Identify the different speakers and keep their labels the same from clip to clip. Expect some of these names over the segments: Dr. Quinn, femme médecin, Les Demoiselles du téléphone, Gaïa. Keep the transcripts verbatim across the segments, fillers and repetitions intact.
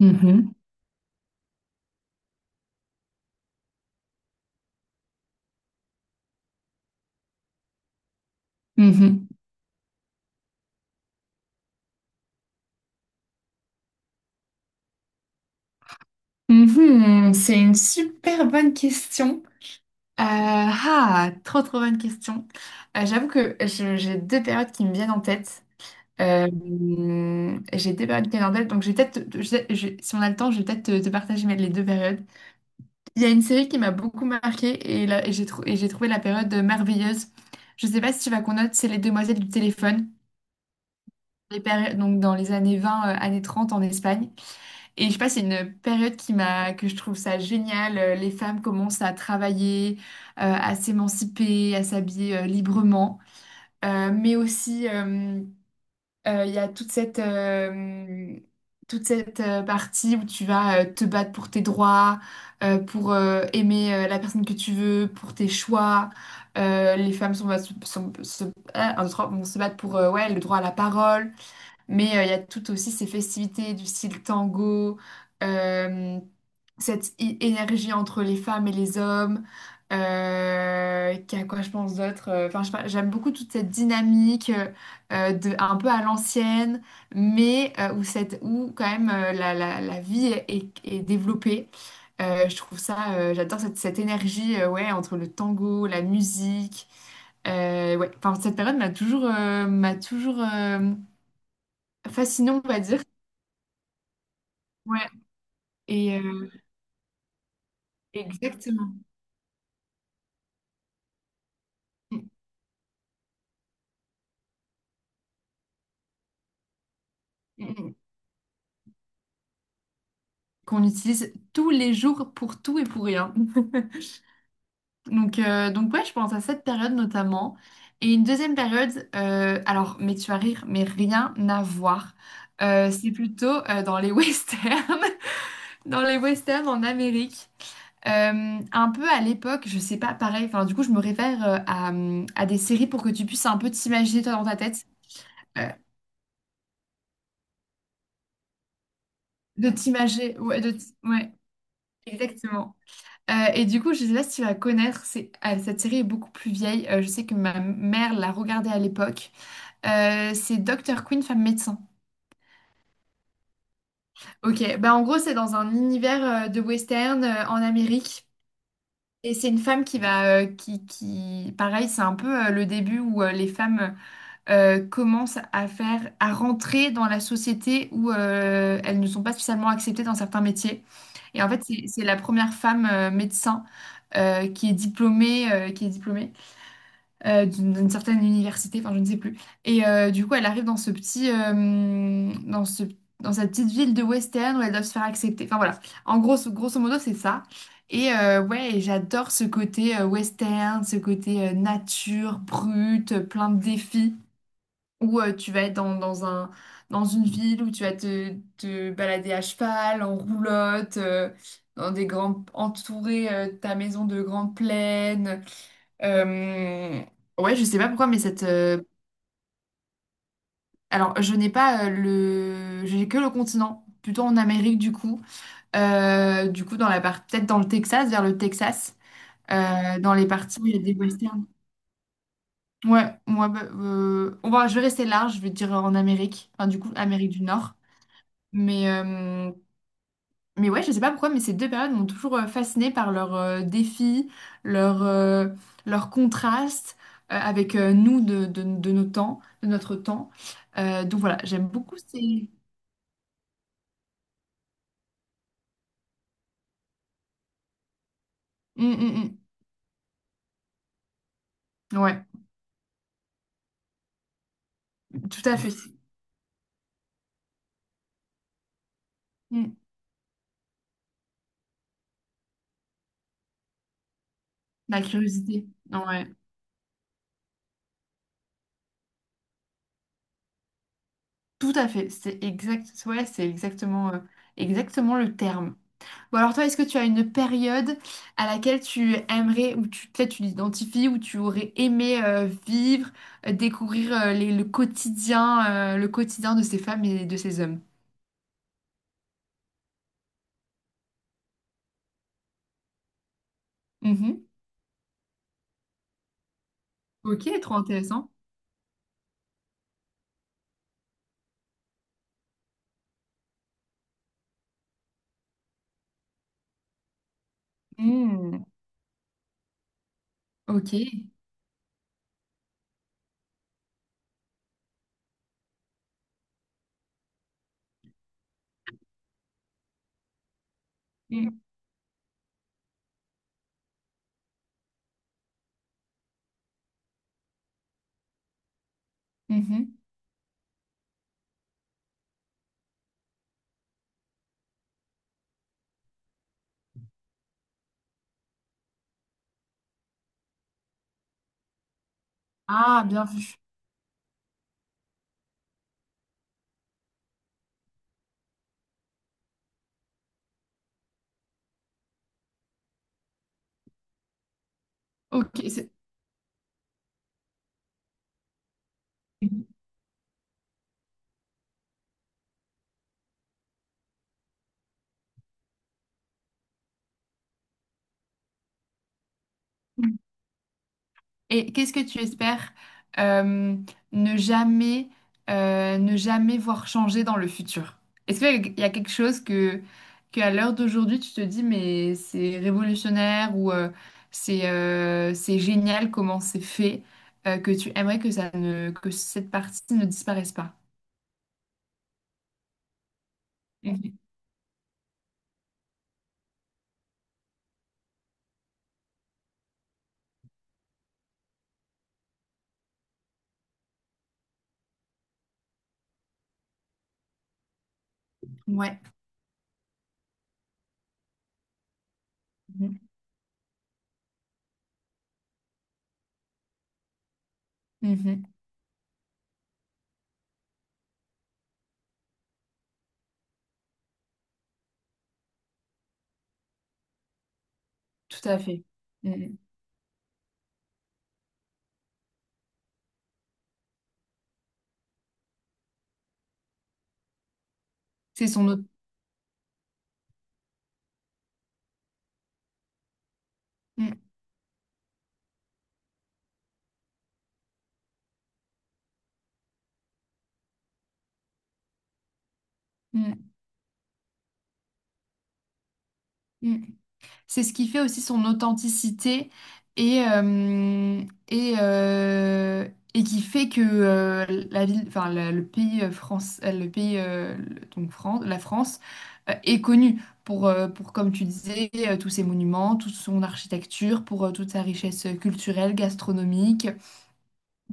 Speaker 1: Mhm, mhm. Mhm, c'est une super bonne question. Euh, ah, trop trop bonne question. Euh, j'avoue que je- j'ai deux périodes qui me viennent en tête. Euh, j'ai deux périodes qui me viennent en tête, donc je vais peut-être, te- je- je- si on a le temps, je vais peut-être te, te partager mes- les deux périodes. Il y a une série qui m'a beaucoup marquée et, là, et j'ai trou- et j'ai trouvé la période merveilleuse. Je sais pas si tu vas connaître, c'est Les Demoiselles du téléphone, les péri- donc dans les années vingt euh, années trente en Espagne. Et je sais pas, c'est une période qui m'a, que je trouve ça génial. Euh, Les femmes commencent à travailler, euh, à s'émanciper, à s'habiller euh, librement. Euh, mais aussi, euh, euh, il y a toute cette, euh, toute cette euh, partie où tu vas euh, te battre pour tes droits, euh, pour euh, aimer euh, la personne que tu veux, pour tes choix. Euh, les femmes sont, sont- se, ah, un, deux, trois, vont se battre pour euh, ouais, le droit à la parole. Mais euh, il y a tout aussi ces festivités du style tango, euh, cette i- énergie entre les femmes et les hommes. Euh, qu'il a quoi je pense d'autre. euh, Enfin, je sais pas, j'aime beaucoup toute cette dynamique euh, euh, de un peu à l'ancienne, mais euh, où cette où quand même euh, la, la, la vie est, est développée. Euh, je trouve ça, euh, j'adore cette, cette énergie euh, ouais entre le tango, la musique. Euh, ouais, enfin, cette période m'a toujours, euh, m'a toujours euh, fascinant, on va dire. Ouais, et euh, exactement. Mm, mm, mm. Qu'on utilise tous les jours pour tout et pour rien. Donc, euh, donc ouais, je pense à cette période notamment. Et une deuxième période, euh, alors, mais tu vas rire, mais rien à voir. Euh, c'est plutôt euh, dans les westerns, dans les westerns en Amérique. Euh, un peu à l'époque, je sais pas, pareil, enfin, du coup, je me réfère euh, à, euh, à des séries pour que tu puisses un peu t'imaginer toi dans ta tête. Euh, de t'imaginer, ouais, de t- ouais, exactement. Euh, et du coup, je sais pas si tu vas connaître, c'est- ah, cette série est beaucoup plus vieille. Euh, je sais que ma mère l'a regardée à l'époque. Euh, c'est docteur Quinn, femme médecin. Ok, bah en gros, c'est dans un univers euh, de western euh, en Amérique. Et c'est une femme qui va, euh, qui, qui, pareil, c'est un peu euh, le début où euh, les femmes euh, commencent à faire, à rentrer dans la société où euh, elles ne sont pas spécialement acceptées dans certains métiers. Et en fait, c'est c'est la première femme euh, médecin euh, qui est diplômée, euh, qui est diplômée. euh, d'une d'une certaine université, enfin je ne sais plus. Et euh, du coup, elle arrive dans ce petit, euh, dans ce, dans cette petite ville de Western où elle doit se faire accepter. Enfin voilà, en gros, grosso modo, c'est ça. Et euh, ouais, et j'adore ce côté euh, western, ce côté euh, nature, brute, plein de défis. Ou euh, tu vas être dans, dans un, dans une ville où tu vas te, te balader à cheval, en roulotte, euh, dans des grandes, entourer euh, ta maison de grandes plaines. Euh, Ouais, je sais pas pourquoi, mais cette. Euh, Alors, je n'ai pas euh, le. J'ai que le continent, plutôt en Amérique du coup. Euh, du coup, dans la part... peut-être dans le Texas, vers le Texas, euh, dans les parties où il y a des westerns. Ouais, moi, bah, euh, on va... je vais rester large, je vais dire en Amérique, enfin, du coup, Amérique du Nord. Mais, euh, mais ouais, je sais pas pourquoi, mais ces deux périodes m'ont toujours euh, fascinée par leurs euh, défis, leurs euh, leurs contrastes euh, avec euh, nous de, de, de nos temps, de notre temps. Euh, donc voilà, j'aime beaucoup ces... Hum, hum, hum. Ouais, tout à fait. Hum. La curiosité. Ouais, tout à fait. C'est exact... ouais, c'est exactement, euh, exactement le terme. Bon alors toi, est-ce que tu as une période à laquelle tu aimerais, ou tu, peut-être tu l'identifies, ou tu aurais aimé euh, vivre, euh, découvrir euh, les- le quotidien, euh, le quotidien de ces femmes et de ces hommes? Mhm. Ok, trop intéressant. Mm. Ok. Mm. Mhm. Ah, bien vu. Ok. c'est- Mhm. Et qu'est-ce que tu espères euh, ne jamais, euh, ne jamais voir changer dans le futur? Est-ce qu'il y a quelque chose que, que à l'heure d'aujourd'hui, tu te dis, mais c'est révolutionnaire ou euh, c'est euh, c'est génial comment c'est fait, euh, que tu aimerais que ça ne, que cette partie ne disparaisse pas? Mhm. Ouais. Mhm. Mhm. Tout à fait. Mhm. C'est son autre. Mmh, mmh, mmh. C'est ce qui fait aussi son authenticité et, euh, et, euh, et qui fait que euh, la ville, enfin, la- le pays euh, France, euh, le pays euh, le- donc France, la France euh, est connue pour, euh, pour, comme tu disais, euh, tous ses monuments, toute son architecture, pour euh, toute sa richesse culturelle, gastronomique,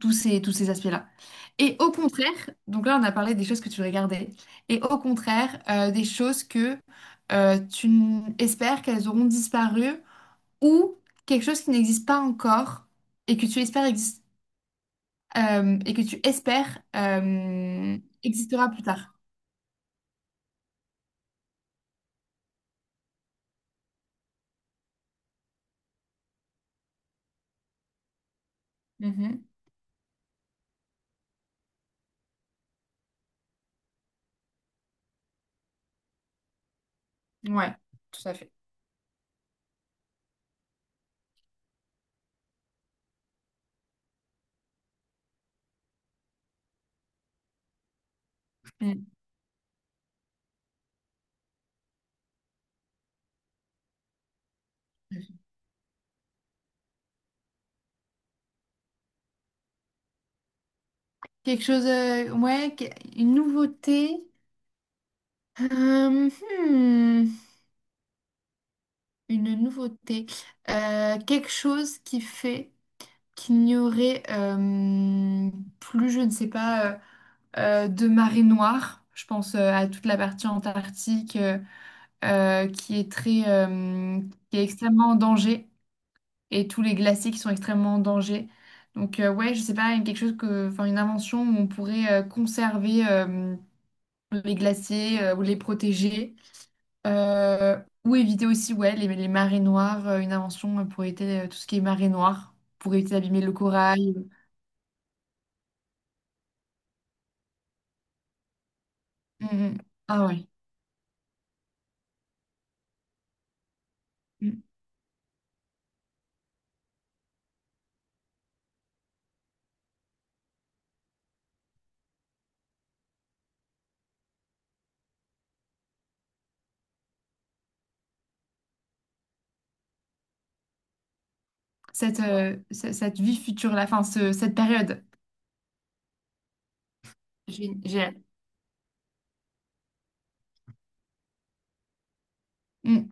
Speaker 1: tous ces, tous ces aspects-là. Et au contraire, donc là on a parlé des choses que tu regardais, et au contraire euh, des choses que euh, tu n- espères qu'elles auront disparu ou quelque chose qui n'existe pas encore et que tu espères exis- euh, et que tu espères euh, existera plus tard. Mhm. Ouais, tout à fait. Mm. Quelque chose, euh, ouais, que- une nouveauté. Euh, hmm, une nouveauté. Euh, quelque chose qui fait qu'il n'y aurait euh, plus, je ne sais pas, euh, euh, de marée noire. Je pense euh, à toute la partie antarctique. euh, euh, qui est très, euh, qui est extrêmement en danger et tous les glaciers qui sont extrêmement en danger. Donc euh, ouais, je sais pas, quelque chose que, enfin une invention où on pourrait euh, conserver euh, les glaciers euh, ou les protéger. Euh, ou éviter aussi ouais les, les marées noires. Euh, une invention euh, pour éviter euh, tout ce qui est marée noire, pour éviter d'abîmer le corail. Mm, mm. Ah ouais. Mm. Cette, euh, ce- cette vie future là, enfin ce- cette période. Gé- Génial. Mm.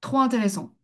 Speaker 1: Trop intéressant.